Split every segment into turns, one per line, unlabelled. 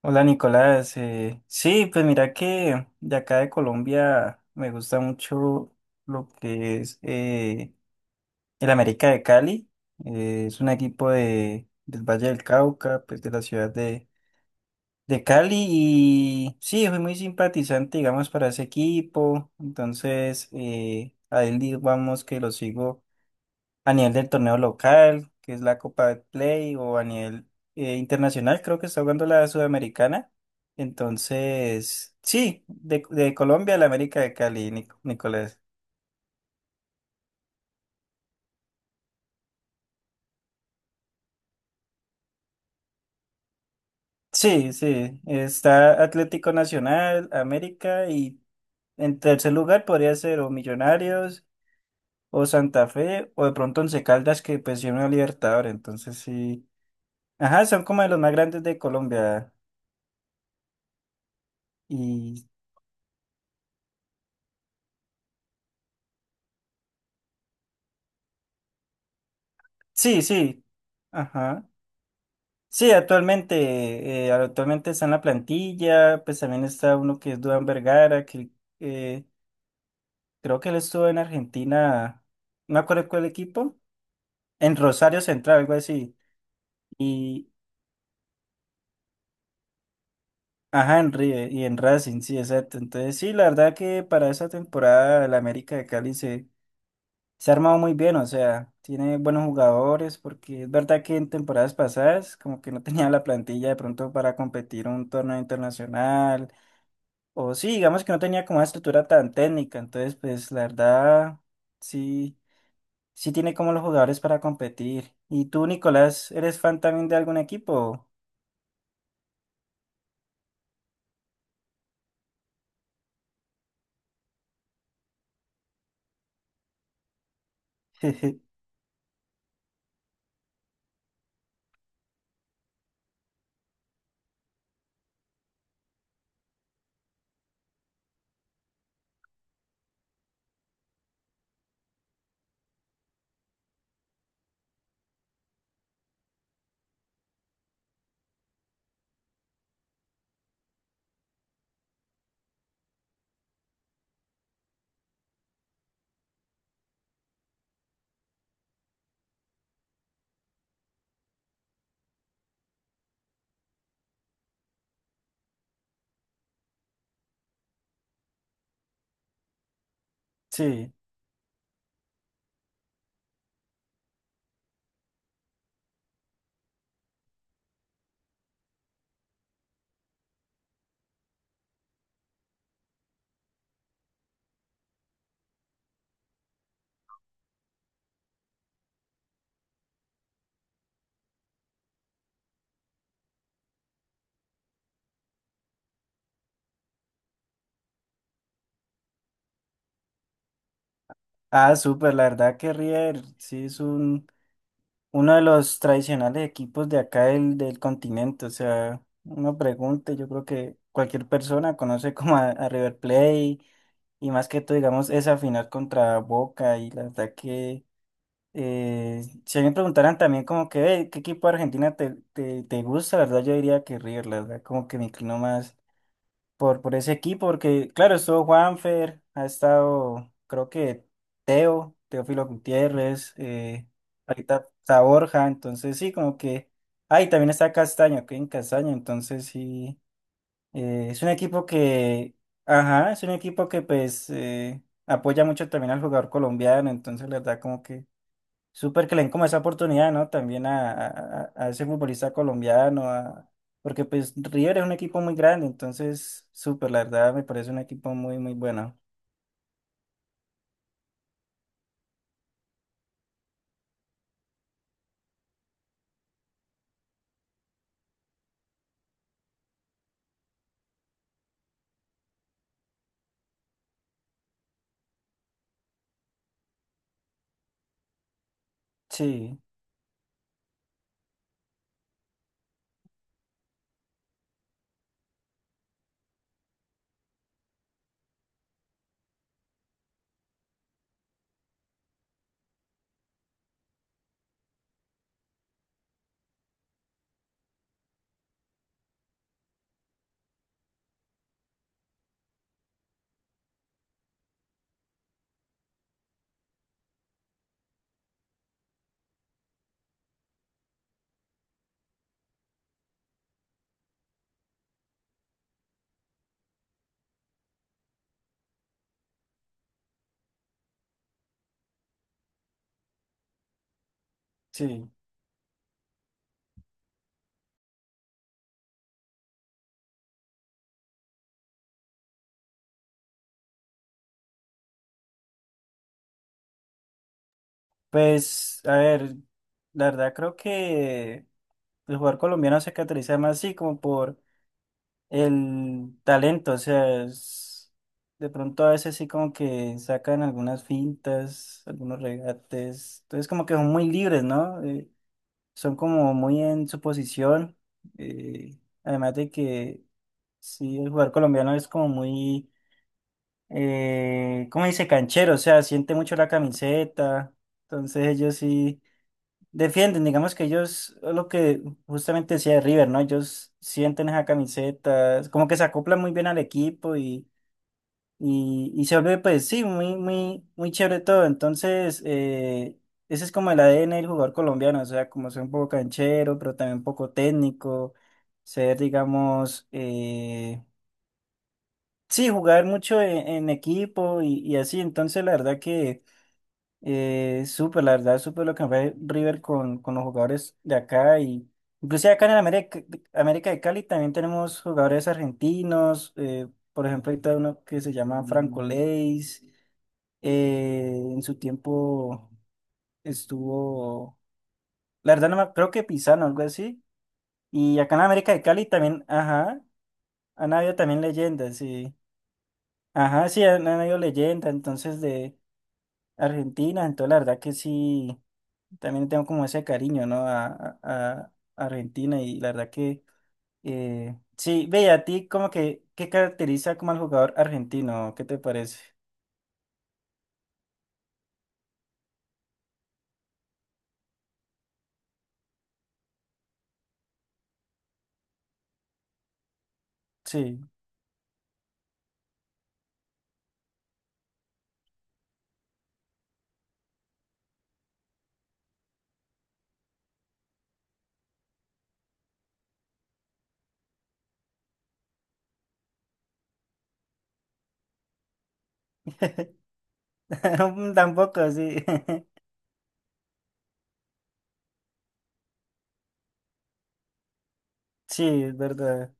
Hola Nicolás, sí, pues mira que de acá de Colombia me gusta mucho lo que es el América de Cali. Es un equipo del Valle del Cauca, pues de la ciudad de Cali. Y sí, fui muy simpatizante, digamos, para ese equipo. Entonces a él digamos que lo sigo a nivel del torneo local, que es la Copa de Play, o a nivel internacional. Creo que está jugando la Sudamericana. Entonces, sí, de Colombia a la América de Cali, Nicolás. Sí, sí, está Atlético Nacional, América, y en tercer lugar podría ser o Millonarios o Santa Fe, o de pronto Once Caldas, que pues lleva una Libertadores. Entonces sí. Ajá, son como de los más grandes de Colombia. Y sí, sí, ajá. Sí, actualmente, actualmente está en la plantilla. Pues también está uno que es Duan Vergara, que eh, creo que él estuvo en Argentina, no me acuerdo cuál equipo, en Rosario Central, algo así. Y ajá, en River y en Racing, sí, exacto. Entonces sí, la verdad que para esta temporada el América de Cali se ha armado muy bien. O sea, tiene buenos jugadores, porque es verdad que en temporadas pasadas como que no tenía la plantilla de pronto para competir un torneo internacional. O sí, digamos que no tenía como una estructura tan técnica. Entonces pues la verdad sí, sí tiene como los jugadores para competir. ¿Y tú, Nicolás, eres fan también de algún equipo? Sí. Ah, súper, la verdad que River sí es un, uno de los tradicionales equipos de acá del continente. O sea, uno pregunte, yo creo que cualquier persona conoce como a River Plate, y más que todo, digamos, esa final contra Boca. Y la verdad que... si a mí me preguntaran también como que, "Ve, ¿qué equipo de Argentina te gusta?" La verdad yo diría que River. La verdad, como que me inclino más por ese equipo, porque claro, estuvo Juanfer, ha estado, creo que Teófilo Gutiérrez. Ahorita está Borja. Entonces sí, como que ahí también está Castaño, que en Castaño, entonces sí. Es un equipo que, ajá, es un equipo que pues apoya mucho también al jugador colombiano. Entonces la verdad como que... Súper que le den como esa oportunidad, ¿no? También a, a ese futbolista colombiano, a- porque pues River es un equipo muy grande. Entonces, súper, la verdad, me parece un equipo muy, muy bueno. Sí, sí. Pues, a ver, la verdad creo que el jugador colombiano se caracteriza más así como por el talento. O sea, es- de pronto a veces sí como que sacan algunas fintas, algunos regates, entonces como que son muy libres, ¿no? Son como muy en su posición. eh, Además de que sí, el jugador colombiano es como muy, ¿cómo dice? Canchero, o sea, siente mucho la camiseta. Entonces ellos sí defienden, digamos que ellos, lo que justamente decía de River, ¿no? Ellos sienten esa camiseta, como que se acoplan muy bien al equipo, y se vuelve, pues sí, muy, muy, muy chévere todo. Entonces, ese es como el ADN del jugador colombiano. O sea, como ser un poco canchero, pero también un poco técnico, ser, digamos, sí, jugar mucho en equipo, y así. Entonces, la verdad que súper, la verdad, súper lo que fue River con los jugadores de acá y. Inclusive acá en el América, América de Cali también tenemos jugadores argentinos. Por ejemplo, hay todo uno que se llama Franco Leis. En su tiempo estuvo, la verdad no me, creo que Pisano, algo así. Y acá en América de Cali también, ajá, han habido también leyendas, sí. Ajá, sí, han, han habido leyendas, entonces de Argentina. Entonces la verdad que sí, también tengo como ese cariño, ¿no? A Argentina. Y la verdad que, sí, ve, y a ti como que, ¿qué caracteriza como al jugador argentino? ¿Qué te parece? Sí, tampoco, sí, sí, es verdad.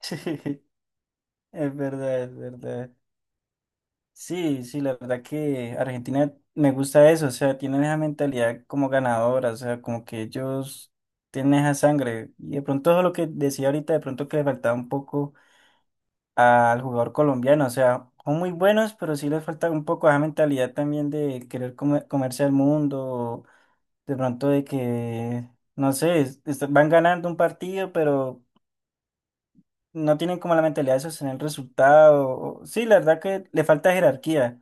Es verdad, es verdad. Sí, sí, la verdad que Argentina me gusta eso. O sea, tienen esa mentalidad como ganadora. O sea, como que ellos tienen esa sangre. Y de pronto eso es lo que decía ahorita, de pronto que le faltaba un poco al jugador colombiano. O sea, son muy buenos, pero sí les falta un poco esa mentalidad también de querer come- comerse al mundo, o de pronto de que, no sé, es- est- van ganando un partido, pero no tienen como la mentalidad de sostener el resultado. O- sí, la verdad que le falta jerarquía.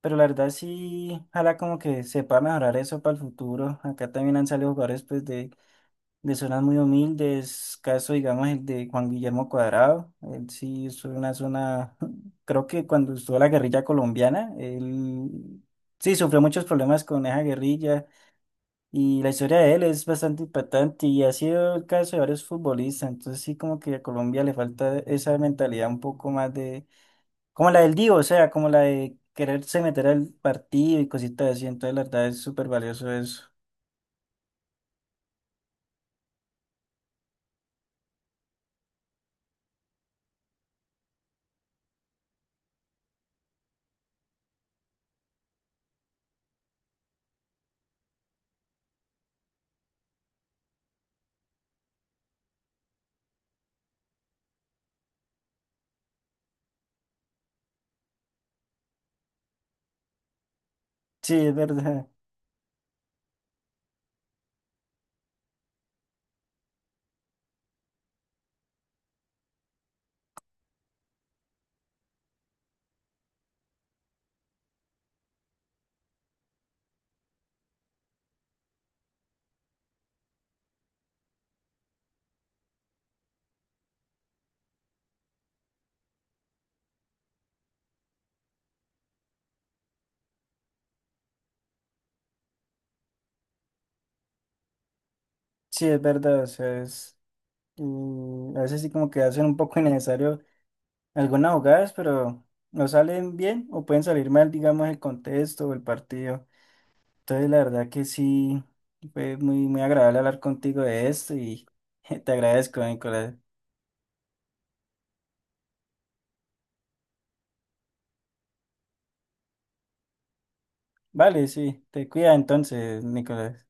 Pero la verdad sí, ojalá como que se pueda mejorar eso para el futuro. Acá también han salido jugadores pues de zonas muy humildes, caso digamos el de Juan Guillermo Cuadrado. Él sí es una zona, creo que cuando estuvo la guerrilla colombiana, él sí sufrió muchos problemas con esa guerrilla, y la historia de él es bastante impactante y ha sido el caso de varios futbolistas. Entonces sí como que a Colombia le falta esa mentalidad un poco más como la del Divo. O sea, como la de quererse meter al partido y cositas así. Entonces, la verdad es súper valioso eso. Sí, es verdad. Sí, es verdad. O sea, es. Mm, a veces sí, como que hacen un poco innecesario algunas jugadas, pero no salen bien o pueden salir mal, digamos, el contexto o el partido. Entonces, la verdad que sí, fue muy, muy agradable hablar contigo de esto y te agradezco, Nicolás. Vale, sí, te cuida entonces, Nicolás.